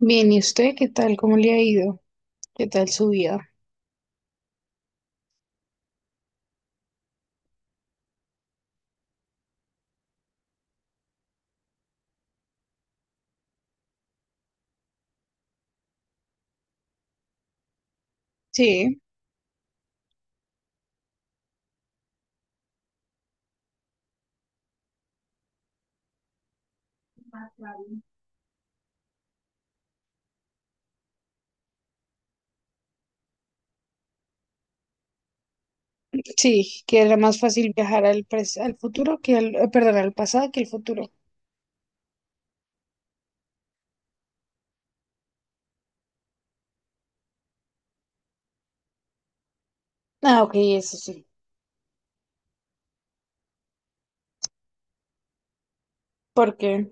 Bien, ¿y usted qué tal? ¿Cómo le ha ido? ¿Qué tal su vida? Sí, sí, que era más fácil viajar al futuro que al, perdón, al pasado que al futuro. Ah, ok, eso sí. ¿Por qué?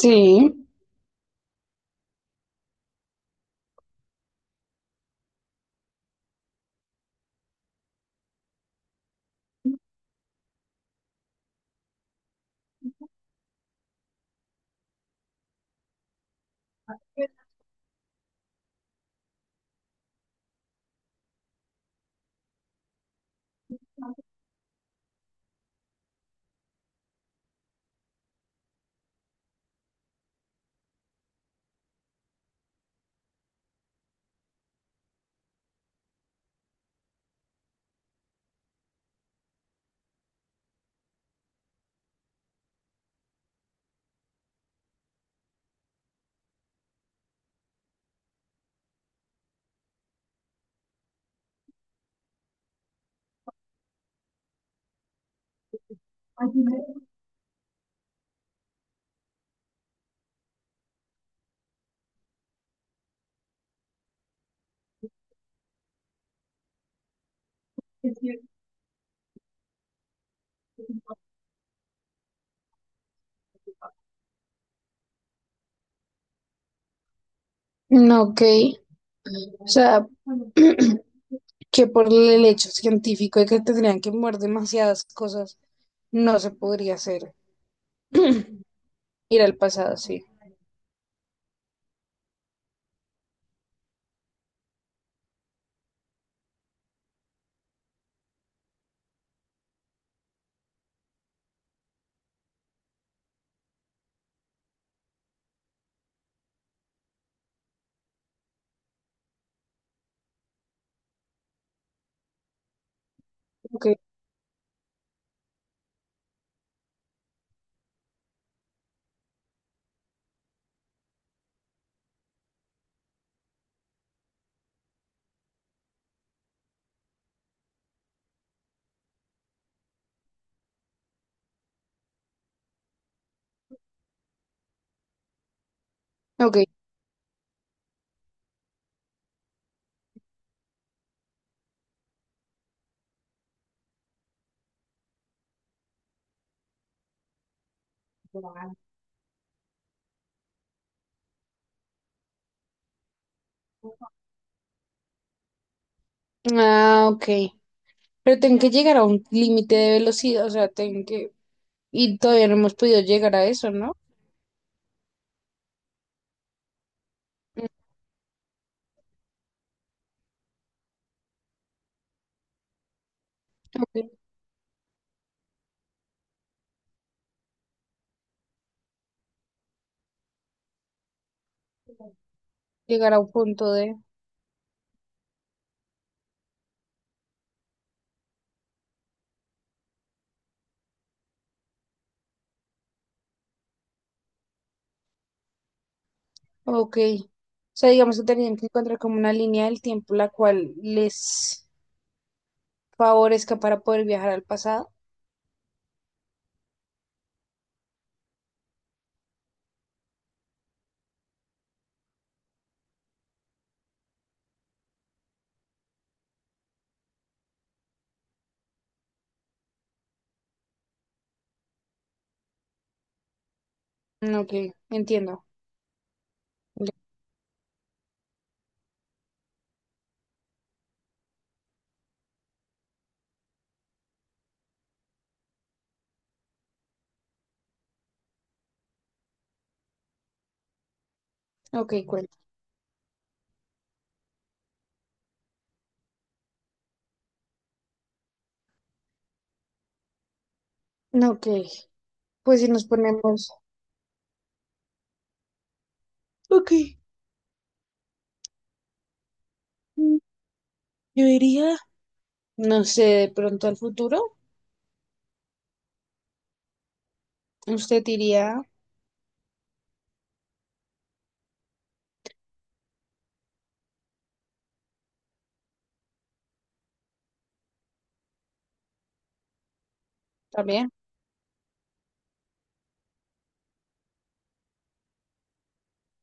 Sí, no, ok. O sea, que por el hecho científico de que tendrían que mover demasiadas cosas, no se podría hacer. Ir al pasado, sí. Ok, ok. Ah, ok. Pero tengo que llegar a un límite de velocidad, o sea, tengo que... Y todavía no hemos podido llegar a eso, ¿no? Mm. Ok. Llegar a un punto de... Ok. O sea, digamos que tenían que encontrar como una línea del tiempo la cual les favorezca para poder viajar al pasado. Mm, ok, entiendo. Ok, cuenta. No, ok, pues si nos ponemos... Ok, mm, yo iría, no sé, de pronto al futuro. Usted iría también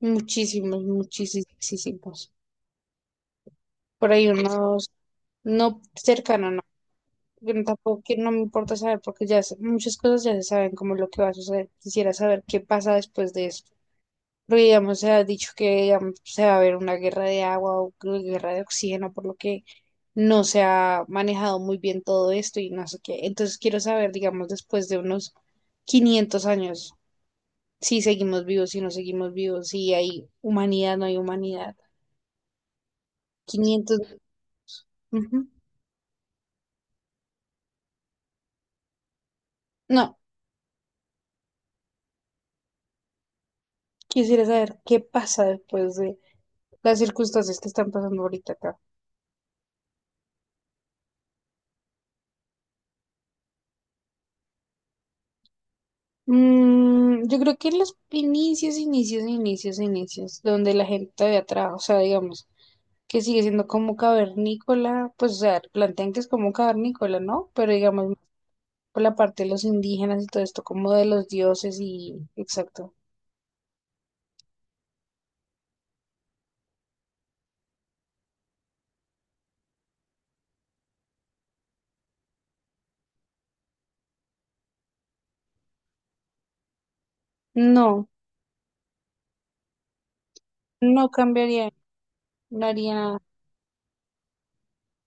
muchísimos, muchísimos. Por ahí unos, no cercano, no. Bueno, tampoco que no me importa saber porque ya se- muchas cosas ya se saben como lo que va a suceder. Quisiera saber qué pasa después de esto. Porque digamos, se ha dicho que digamos, se va a haber una guerra de agua o que- guerra de oxígeno, por lo que no se ha manejado muy bien todo esto y no sé qué. Entonces quiero saber, digamos, después de unos 500 años, si seguimos vivos, si no seguimos vivos, si hay humanidad, no hay humanidad. 500, ujú. No. Quisiera saber qué pasa después de las circunstancias que están pasando ahorita acá. Mm, yo creo que en los inicios, inicios, inicios, inicios, donde la gente de atrás, o sea, digamos, que sigue siendo como cavernícola, pues, o sea, plantean que es como cavernícola, ¿no? Pero digamos, por la parte de los indígenas y todo esto, como de los dioses y, exacto. No, no cambiaría, no haría.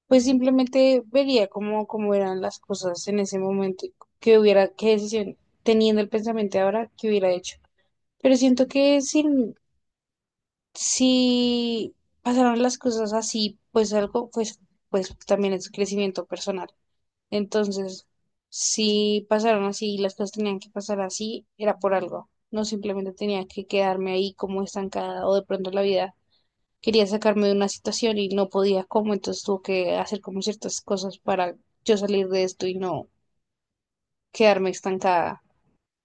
Pues simplemente vería cómo, cómo eran las cosas en ese momento, y qué hubiera, qué decisión, teniendo el pensamiento de ahora, qué hubiera hecho. Pero siento que si pasaron las cosas así, pues algo, pues, pues también es crecimiento personal. Entonces, si pasaron así y las cosas tenían que pasar así, era por algo. No simplemente tenía que quedarme ahí como estancada o de pronto la vida quería sacarme de una situación y no podía cómo, entonces tuve que hacer como ciertas cosas para yo salir de esto y no quedarme estancada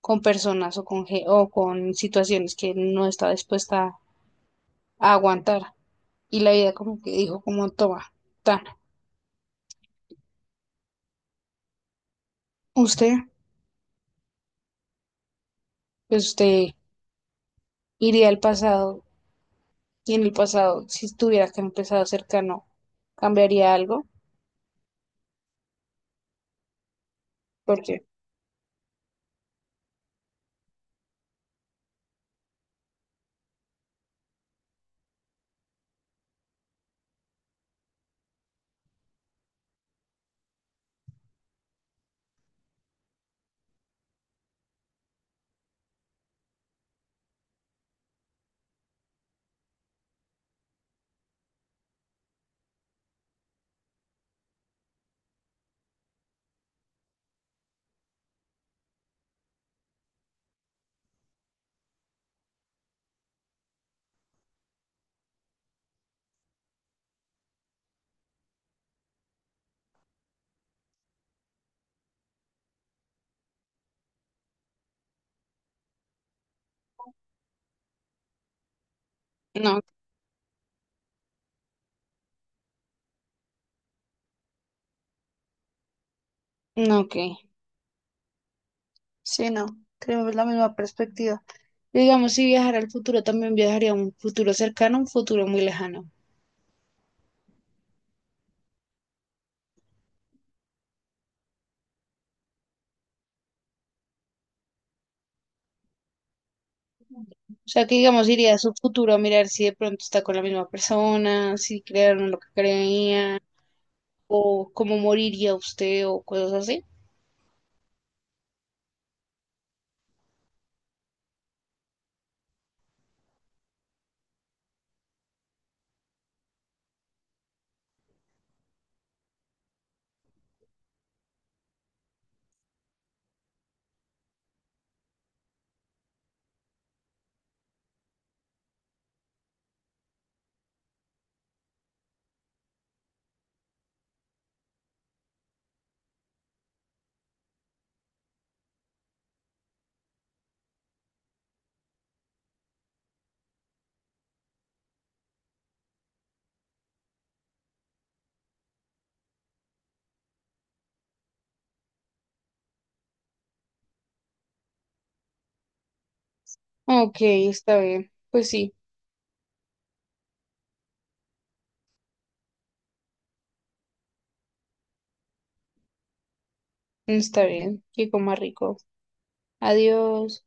con personas o con, ge- o con situaciones que no estaba dispuesta a aguantar. Y la vida como que dijo como, toma, tan, usted, pues usted iría al pasado y en el pasado, si estuviera que empezado cercano, cambiaría algo, porque no, no, que, sí, no, tenemos la misma perspectiva. Digamos, si viajara al futuro, también viajaría a un futuro cercano, un futuro muy lejano. O sea, que digamos, iría a su futuro a mirar si de pronto está con la misma persona, si crearon lo que creían, o cómo moriría usted, o cosas así. Ok, está bien. Pues sí, está bien. Y coma rico. Adiós.